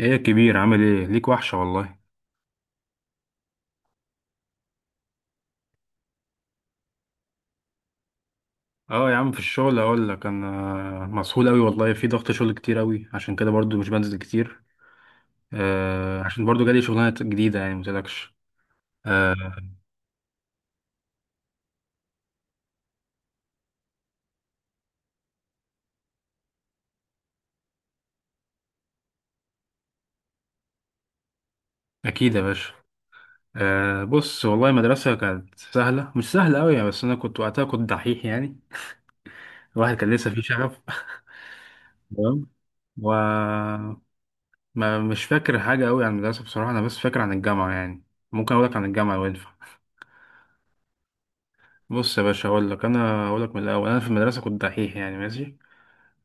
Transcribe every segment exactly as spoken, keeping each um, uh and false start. ايه يا كبير، عامل ايه؟ ليك وحشة والله. اه يا عم، في الشغل اقول لك انا مسحول قوي والله، في ضغط شغل كتير قوي، عشان كده برضو مش بنزل كتير. آه، عشان برضو جالي شغلانة جديدة يعني متقلقش. آه، اكيد يا باشا. آه، بص والله المدرسة كانت سهلة، مش سهلة قوي يعني، بس انا كنت وقتها كنت دحيح يعني. الواحد كان لسه فيه شغف. تمام. و ما مش فاكر حاجة قوي عن المدرسة بصراحة، انا بس فاكر عن الجامعة يعني. ممكن اقول لك عن الجامعة لو ينفع؟ بص يا باشا، اقول لك انا اقول لك من الاول، انا في المدرسه كنت دحيح يعني ماشي،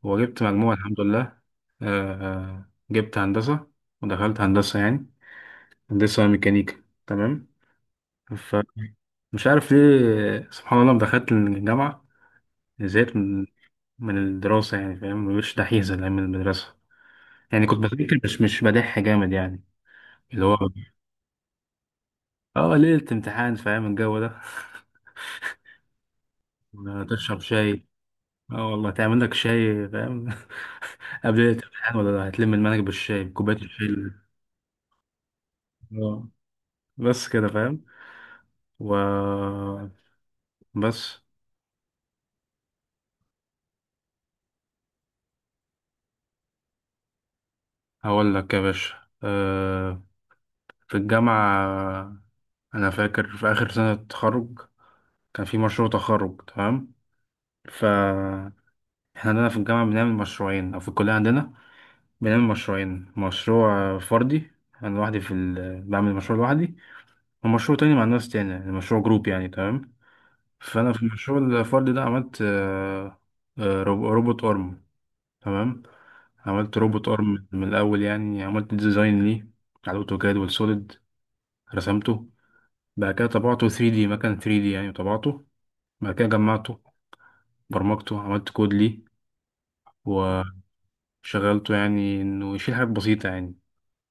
وجبت مجموعه الحمد لله. آه، آه، جبت هندسه، ودخلت هندسه يعني، هندسه ميكانيكا تمام. فمش عارف ليه، سبحان الله، لما دخلت الجامعه زهقت من من الدراسه يعني، فاهم؟ مش دحيح زي ايام المدرسه يعني، كنت بذاكر مش مش بدح جامد يعني. اللي هو اه، ليله امتحان، فاهم الجو ده؟ تشرب شاي؟ اه والله، تعمل لك شاي فاهم. قبل الامتحان، ولا هتلم المنهج بالشاي، بكوباية الشاي اللي- اه بس كده فاهم. و بس. هقول لك يا باشا. أه في الجامعة، أنا فاكر في آخر سنة تخرج كان في مشروع تخرج تمام. ف احنا عندنا في الجامعة بنعمل مشروعين، أو في الكلية عندنا بنعمل مشروعين، مشروع فردي أنا لوحدي في ال... بعمل مشروع لوحدي، ومشروع تاني مع ناس تانية يعني مشروع جروب يعني تمام. فانا في الشغل الفردي ده عملت آه، آه، رو- روبوت ارم تمام. عملت روبوت ارم من الاول يعني، عملت ديزاين ليه على الاوتوكاد والسوليد، رسمته. بعد كده طبعته ثري دي، مكان ثري دي يعني طبعته. بعد كده جمعته، برمجته، عملت كود ليه، وشغلته يعني انه يشيل حاجات بسيطة يعني.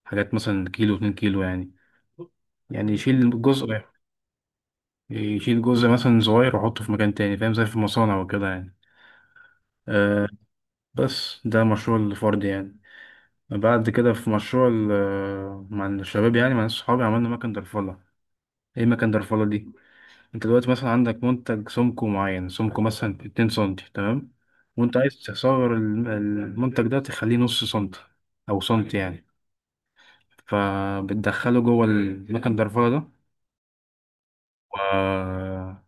حاجات مثلا كيلو، اتنين كيلو يعني يعني يشيل جزء يشيل جزء مثلا صغير واحطه في مكان تاني، فاهم؟ زي في المصانع وكده يعني. آه، بس ده مشروع الفرد يعني. بعد كده في مشروع ال- مع الشباب، يعني مع ناس صحابي، عملنا مكن درفلة. ايه مكن درفلة دي؟ انت دلوقتي مثلا عندك منتج سمكه معين، سمكه مثلا اتنين سنتي تمام. وانت عايز تصغر الم- المنتج ده، تخليه نص سنتي او سنتي يعني. فبتدخله جوه المكن درفلة ده،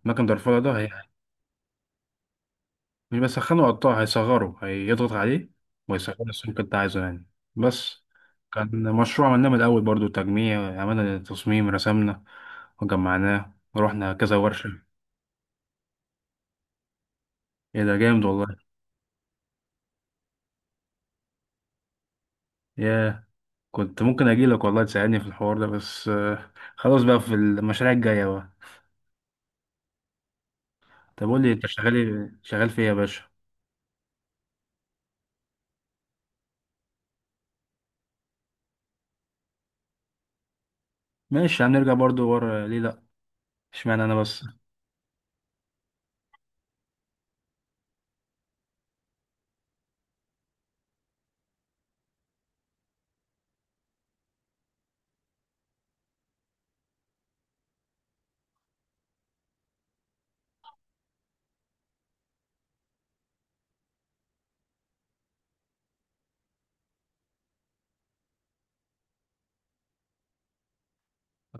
ومكن درفلة ده هي- مش بسخنه، قطاع هيصغره، هيضغط عليه ويصغر السمك اللي انت عايزه يعني. بس. كان مشروع عملناه من الأول برضو، تجميع، عملنا تصميم، رسمنا وجمعناه ورحنا كذا ورشة. ايه ده جامد والله. ياه. كنت ممكن أجيلك والله تساعدني في الحوار ده، بس آه، خلاص بقى، في المشاريع الجاية بقى. طب قول لي انت شغال إيه؟ شغال في ايه يا باشا؟ ماشي هنرجع برضو ورا ليه، لأ. اشمعنى أنا بس.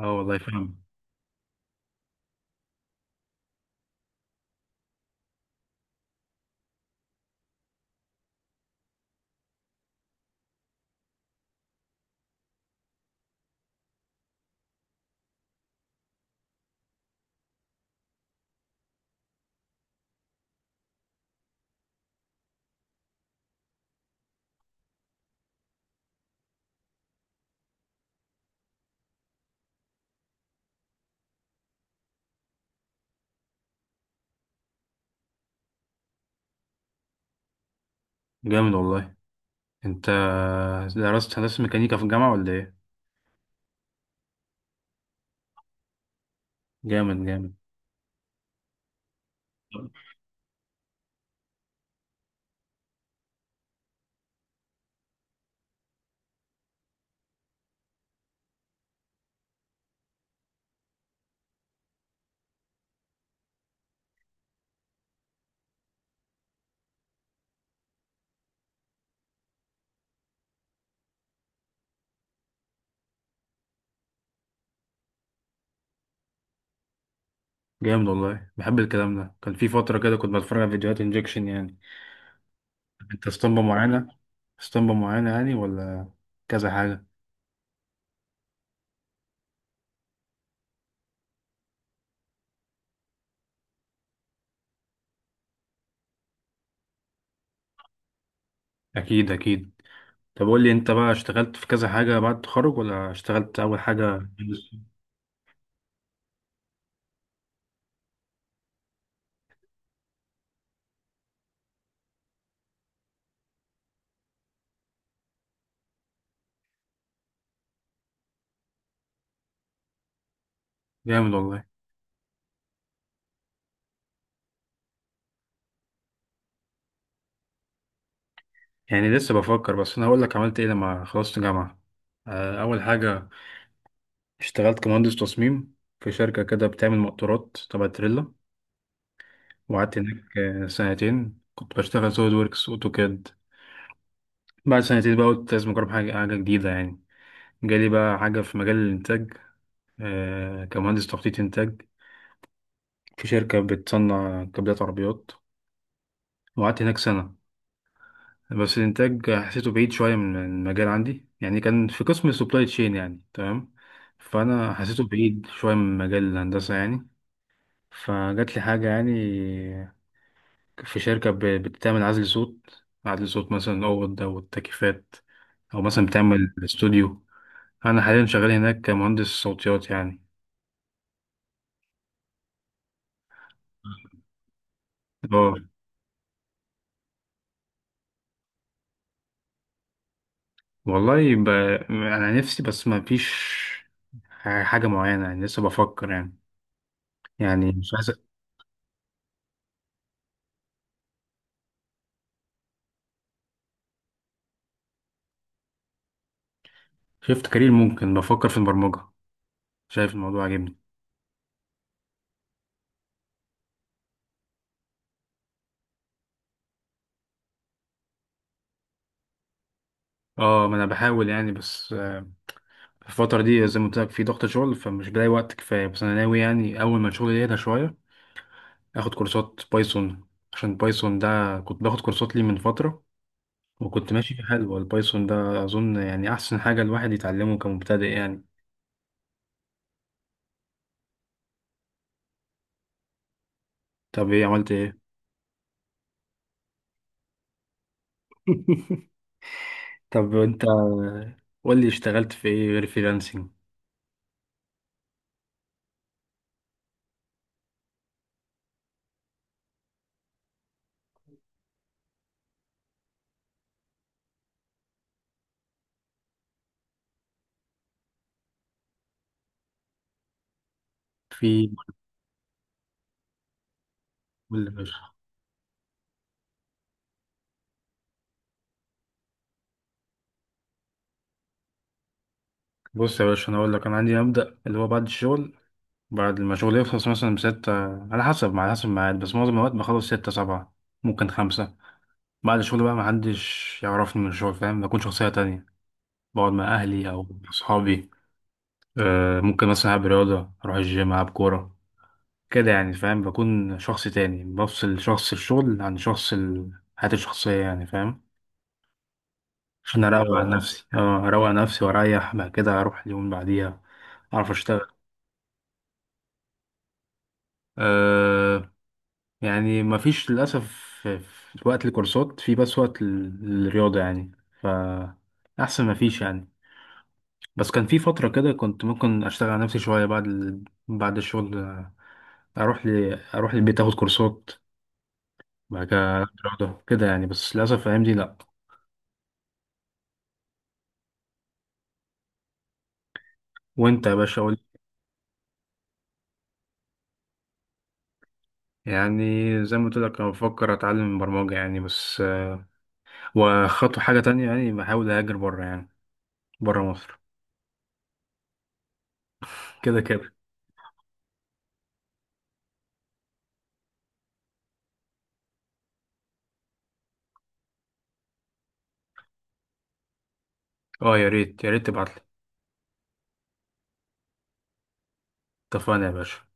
اه والله فاهم. جامد والله. انت درست هندسة ميكانيكا في الجامعة ولا ايه؟ جامد جامد. جامد والله، بحب الكلام ده. كان في فترة كده كنت بتفرج على فيديوهات انجكشن يعني. انت اسطمبة معينة؟ اسطمبة معينة يعني ولا كذا حاجة؟ أكيد أكيد. طب قول لي أنت بقى، اشتغلت في كذا حاجة بعد التخرج ولا اشتغلت أول حاجة؟ جامد والله. يعني لسه بفكر، بس أنا هقول لك عملت إيه لما خلصت جامعة. آه، أول حاجة اشتغلت كمهندس تصميم في شركة كده بتعمل مقطورات تبع تريلا، وقعدت هناك آه، سنتين، كنت بشتغل سوليد ووركس أوتوكاد. بعد سنتين بقى قلت لازم أجرب حاجة حاجة جديدة يعني. جالي بقى حاجة في مجال الإنتاج. آه كمهندس تخطيط إنتاج في شركة بتصنع كابلات عربيات، وقعدت هناك سنة. بس الإنتاج حسيته بعيد شوية من من المجال عندي يعني، كان في قسم السبلاي تشين يعني تمام. فأنا حسيته بعيد شوية من مجال الهندسة يعني. فجات لي حاجة يعني، في شركة ب- بتعمل عزل صوت، عزل صوت مثلا أوض أو التكييفات، أو مثلا بتعمل استوديو. أنا حاليا شغال هناك كمهندس صوتيات يعني. اه والله ب... انا نفسي، بس ما فيش حاجه معينه يعني، لسه بفكر يعني. يعني مش عايز. شفت كارير ممكن، بفكر في البرمجه، شايف الموضوع عاجبني. اه ما انا بحاول يعني، بس آه، في الفتره دي زي ما قلت لك في ضغط شغل، فمش بلاقي وقت كفايه، بس انا ناوي يعني اول ما الشغل يهدى شويه اخد كورسات بايثون. عشان بايثون ده كنت باخد كورسات ليه من فتره، وكنت ماشي في حلوه. البايثون ده اظن يعني احسن حاجه الواحد يتعلمه كمبتدئ يعني. طب ايه عملت ايه؟ طب انت قول لي، اشتغلت في ايه غير فريلانسنج؟ في. قول لي يا باشا. بص يا باشا، انا اقول لك انا عندي مبدأ اللي هو بعد الشغل، بعد ما شغلي يخلص مثلا بستة، على حسب على حسب الميعاد، بس معظم الوقت بخلص ستة سبعة، ممكن خمسة. بعد الشغل بقى محدش يعرفني من الشغل، فاهم؟ بكون شخصية تانية، بقعد مع أهلي أو أصحابي. آه ممكن مثلا ألعب رياضة، أروح الجيم، ألعب كورة، كده يعني، فاهم؟ بكون شخص تاني، بفصل شخص الشغل عن شخص ال- حياتي الشخصية يعني، فاهم؟ عشان اروق عن نفسي. اه، اروق عن نفسي واريح، بعد كده اروح اليوم اللي بعديها اعرف اشتغل. أه، يعني مفيش للاسف. في في وقت الكورسات، في بس وقت ال- الرياضه يعني. ف احسن مفيش يعني. بس كان في فتره كده كنت ممكن اشتغل على نفسي شويه بعد ال... بعد الشغل، آه، اروح ل... اروح البيت اخد كورسات، بعد كده رياضه كده يعني، بس للاسف الايام دي لا. وانت يا باشا قول. يعني زي ما قلت لك انا بفكر اتعلم برمجه يعني بس، وخطوة حاجة تانية يعني بحاول أهاجر بره يعني، بره مصر. كده كده. اه يا ريت، يا ريت تبعتلي. اتفقنا يا باشا.